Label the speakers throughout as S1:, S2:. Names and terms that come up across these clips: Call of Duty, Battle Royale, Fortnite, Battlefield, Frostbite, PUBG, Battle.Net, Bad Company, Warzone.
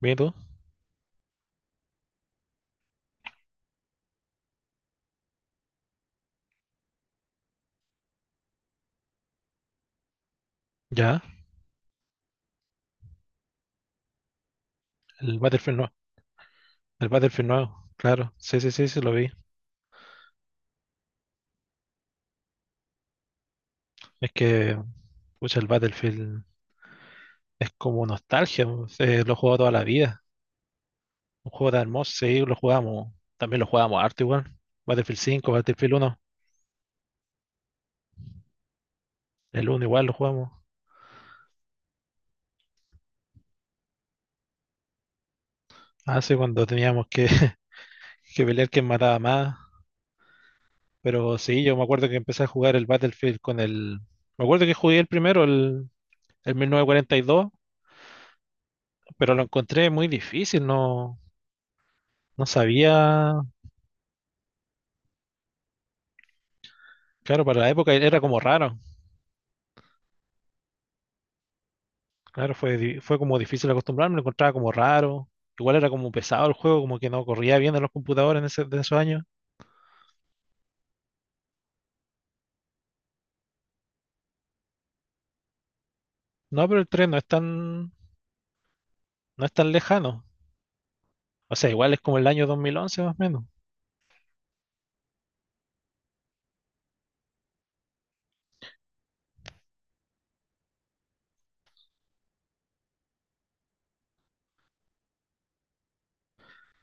S1: ¿Ve tú? Ya, el Battlefield nuevo. El Battlefield nuevo, claro. Sí, sí, sí, sí, lo vi. Es que, pucha, el Battlefield es como nostalgia, po. Lo he jugado toda la vida. Un juego tan hermoso, sí, lo jugamos. También lo jugamos harto igual. Battlefield cinco, Battlefield uno. El uno igual lo jugamos. Hace cuando teníamos que, que pelear quién mataba más. Pero sí, yo me acuerdo que empecé a jugar el Battlefield Me acuerdo que jugué el primero, el 1942, pero lo encontré muy difícil. No, no sabía. Claro, para la época era como raro. Claro, fue como difícil acostumbrarme, lo encontraba como raro. Igual era como pesado el juego, como que no corría bien en los computadores de esos años. No, pero el 3 no es tan lejano. O sea, igual es como el año 2011 más o menos.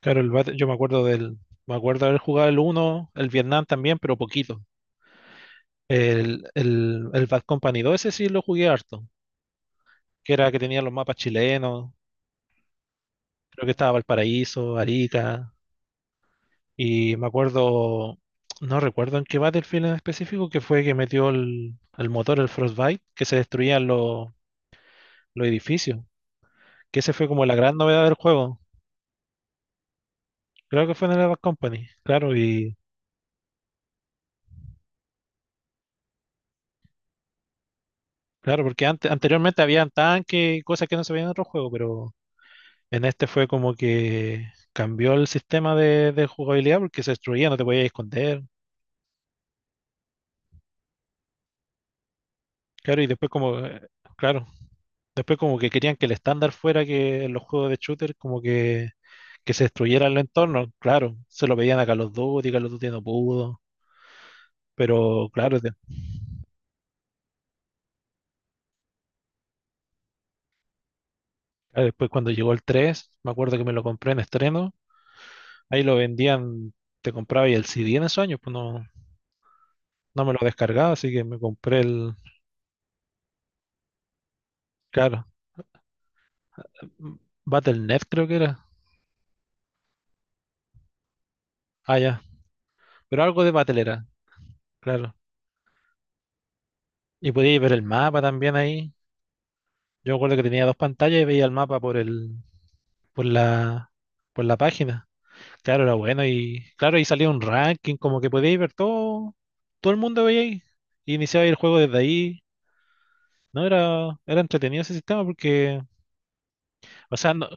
S1: Claro, yo me acuerdo me acuerdo haber jugado el uno, el Vietnam también, pero poquito. El Bad Company 2, ese sí lo jugué harto, que era que tenía los mapas chilenos, creo que estaba Valparaíso, Arica. Y me acuerdo, no recuerdo en qué Battlefield en específico, que fue que metió el motor, el Frostbite, que se destruían los edificios. Que ese fue como la gran novedad del juego. Creo que fue en el Bad Company, claro, y claro, porque anteriormente habían tanques y cosas que no se veían en otro juego, pero en este fue como que cambió el sistema de jugabilidad porque se destruía, no te podías esconder. Claro, y después como, claro, después como que querían que el estándar fuera que en los juegos de shooter como que se destruyera el entorno, claro, se lo pedían a Call of Duty no pudo, pero claro, ah, después cuando llegó el 3 me acuerdo que me lo compré en estreno, ahí lo vendían, te compraba y el CD en esos años, pues no, no me lo descargaba, así que me compré el, claro, m- Battle punto Net creo que era. Ah, ya, pero algo de Battle era, claro, y podía ver el mapa también ahí, yo me acuerdo que tenía dos pantallas y veía el mapa por el, por la, por la página. Claro, era bueno y claro, ahí salía un ranking, como que podíais ver todo, todo el mundo veía ahí. Y iniciaba el juego desde ahí. No era, era entretenido ese sistema porque, o sea, no,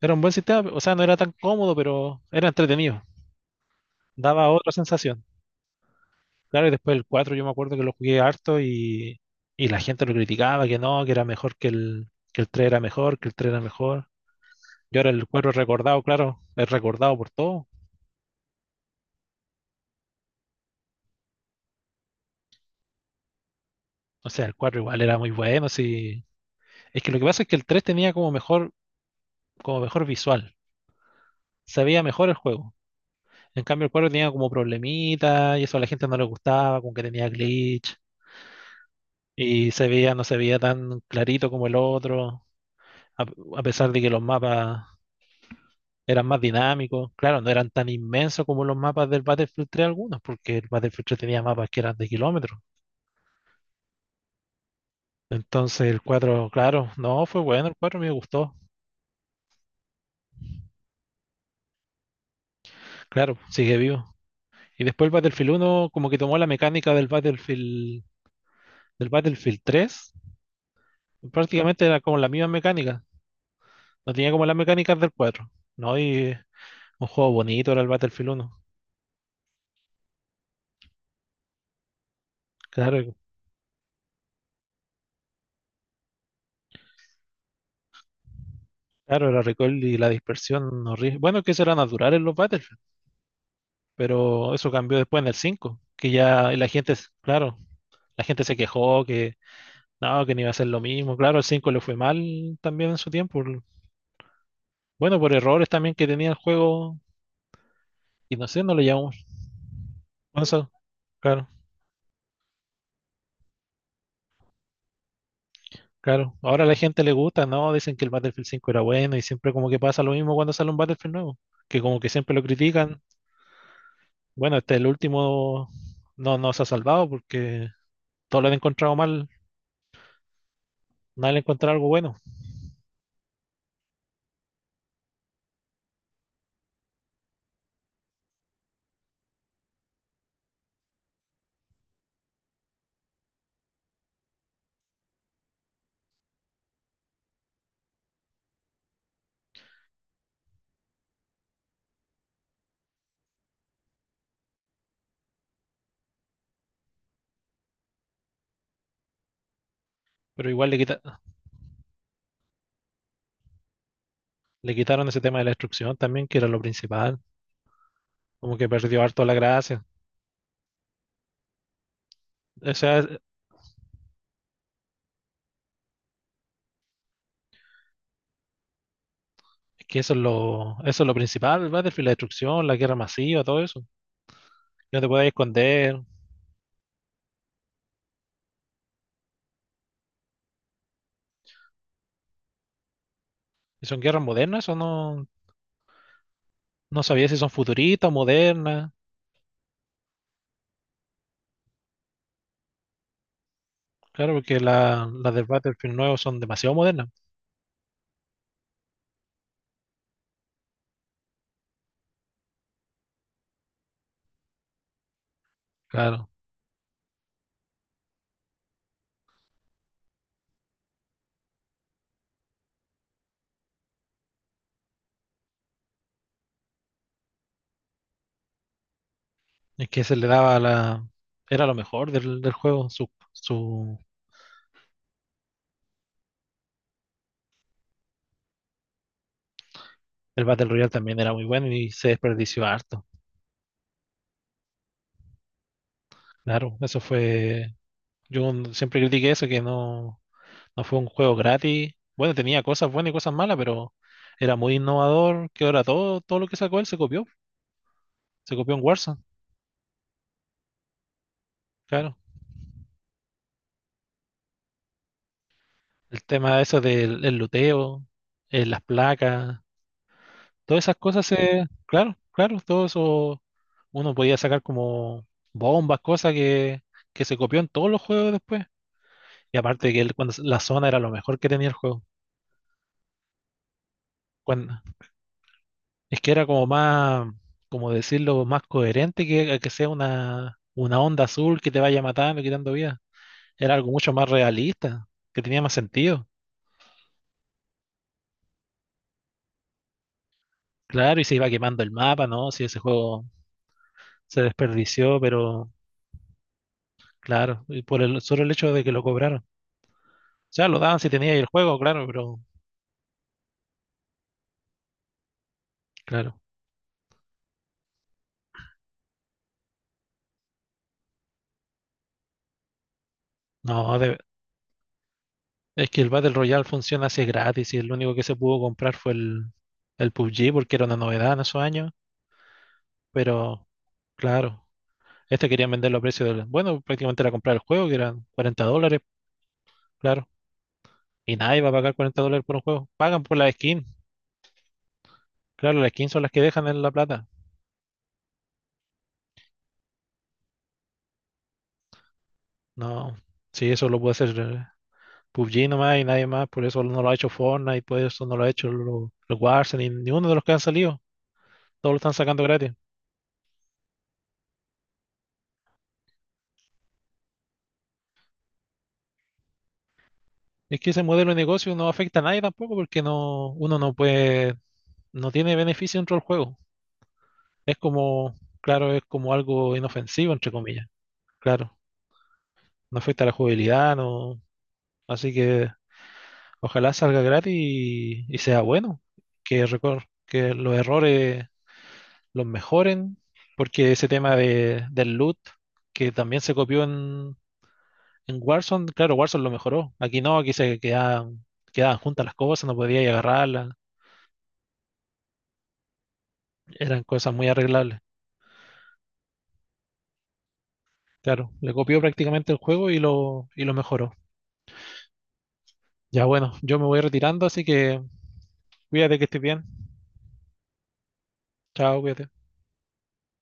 S1: era un buen sistema, o sea, no era tan cómodo, pero era entretenido. Daba otra sensación. Claro, y después el 4 yo me acuerdo que lo jugué harto y la gente lo criticaba, que no, que era mejor que el 3 era mejor, que el 3 era mejor. Y ahora el 4 es recordado, claro, es recordado por todo. O sea, el 4 igual era muy bueno, sí. Es que lo que pasa es que el 3 tenía como mejor visual, se veía mejor el juego. En cambio, el 4 tenía como problemitas y eso a la gente no le gustaba, con que tenía glitch y se veía, no se veía tan clarito como el otro, a, a pesar de que los mapas eran más dinámicos. Claro, no eran tan inmensos como los mapas del Battlefield 3 algunos, porque el Battlefield 3 tenía mapas que eran de kilómetros. Entonces el 4, claro, no, fue bueno, el 4 me gustó. Claro, sigue vivo. Y después el Battlefield uno como que tomó la mecánica del Battlefield 3, prácticamente era como la misma mecánica. No tenía como las mecánicas del cuatro. No, y un juego bonito era el Battlefield uno. Claro, claro, el recoil y la dispersión horrible. Bueno, que eso era natural en los Battlefield, pero eso cambió después en el 5 que ya la gente, claro, la gente se quejó que no iba a ser lo mismo. Claro, el 5 le fue mal también en su tiempo. Bueno, por errores también que tenía el juego y no sé, no le llamamos. Bueno, eso, claro. Claro, ahora a la gente le gusta, ¿no? Dicen que el Battlefield 5 era bueno y siempre como que pasa lo mismo cuando sale un Battlefield nuevo, que como que siempre lo critican. Bueno, este el último no nos ha salvado porque todos lo han encontrado mal, nadie le ha encontrado algo bueno, pero igual le quitaron ese tema de la destrucción también, que era lo principal, como que perdió harto la gracia. O sea, es que eso es lo principal, el Battlefield, la destrucción, la guerra masiva, todo eso. Que no te puedes esconder. ¿Y son guerras modernas o no? No sabía si son futuristas, o modernas. Claro, porque las de Battlefield nuevos son demasiado modernas. Claro, es que se le daba la... Era lo mejor del juego. El Battle Royale también era muy bueno y se desperdició harto. Claro, eso fue... siempre critiqué eso, que no, no fue un juego gratis. Bueno, tenía cosas buenas y cosas malas, pero era muy innovador, que ahora todo lo que sacó él se copió. Se copió en Warzone, claro. El tema de eso del el luteo, las placas. Todas esas cosas se, claro, claro, todo eso uno podía sacar como bombas, cosas que se copió en todos los juegos después. Y aparte que él, cuando, la zona era lo mejor que tenía el juego. Cuando, es que era como más, como decirlo, más coherente que sea una onda azul que te vaya matando, quitando vida. Era algo mucho más realista, que tenía más sentido. Claro, y se iba quemando el mapa, ¿no? Si ese juego se desperdició, pero claro, y por el solo el hecho de que lo cobraron. Sea, lo daban si tenía ahí el juego, claro, pero claro. No, es que el Battle Royale funciona así gratis y el único que se pudo comprar fue el PUBG porque era una novedad en esos años. Pero claro, este querían venderlo a precio de... Bueno, prácticamente era comprar el juego, que eran $40, claro. Y nadie va a pagar $40 por un juego. Pagan por la skin. Claro, las skins son las que dejan en la plata. No, sí, eso lo puede hacer PUBG nomás y nadie más. Por eso no lo ha hecho Fortnite, por eso no lo ha hecho los Warzone, ni uno de los que han salido. Todos lo están sacando gratis. Es que ese modelo de negocio no afecta a nadie tampoco porque no, uno no puede, no tiene beneficio dentro del juego. Es como, claro, es como algo inofensivo, entre comillas. Claro, no afecta a la jugabilidad, no. Así que ojalá salga gratis y sea bueno. Que, que los errores los mejoren, porque ese tema del loot, que también se copió en Warzone, claro, Warzone lo mejoró. Aquí no, aquí quedaban juntas las cosas, no podía agarrarlas. Eran cosas muy arreglables. Claro, le copió prácticamente el juego y y lo mejoró. Ya bueno, yo me voy retirando, así que cuídate que estés bien. Chao, cuídate.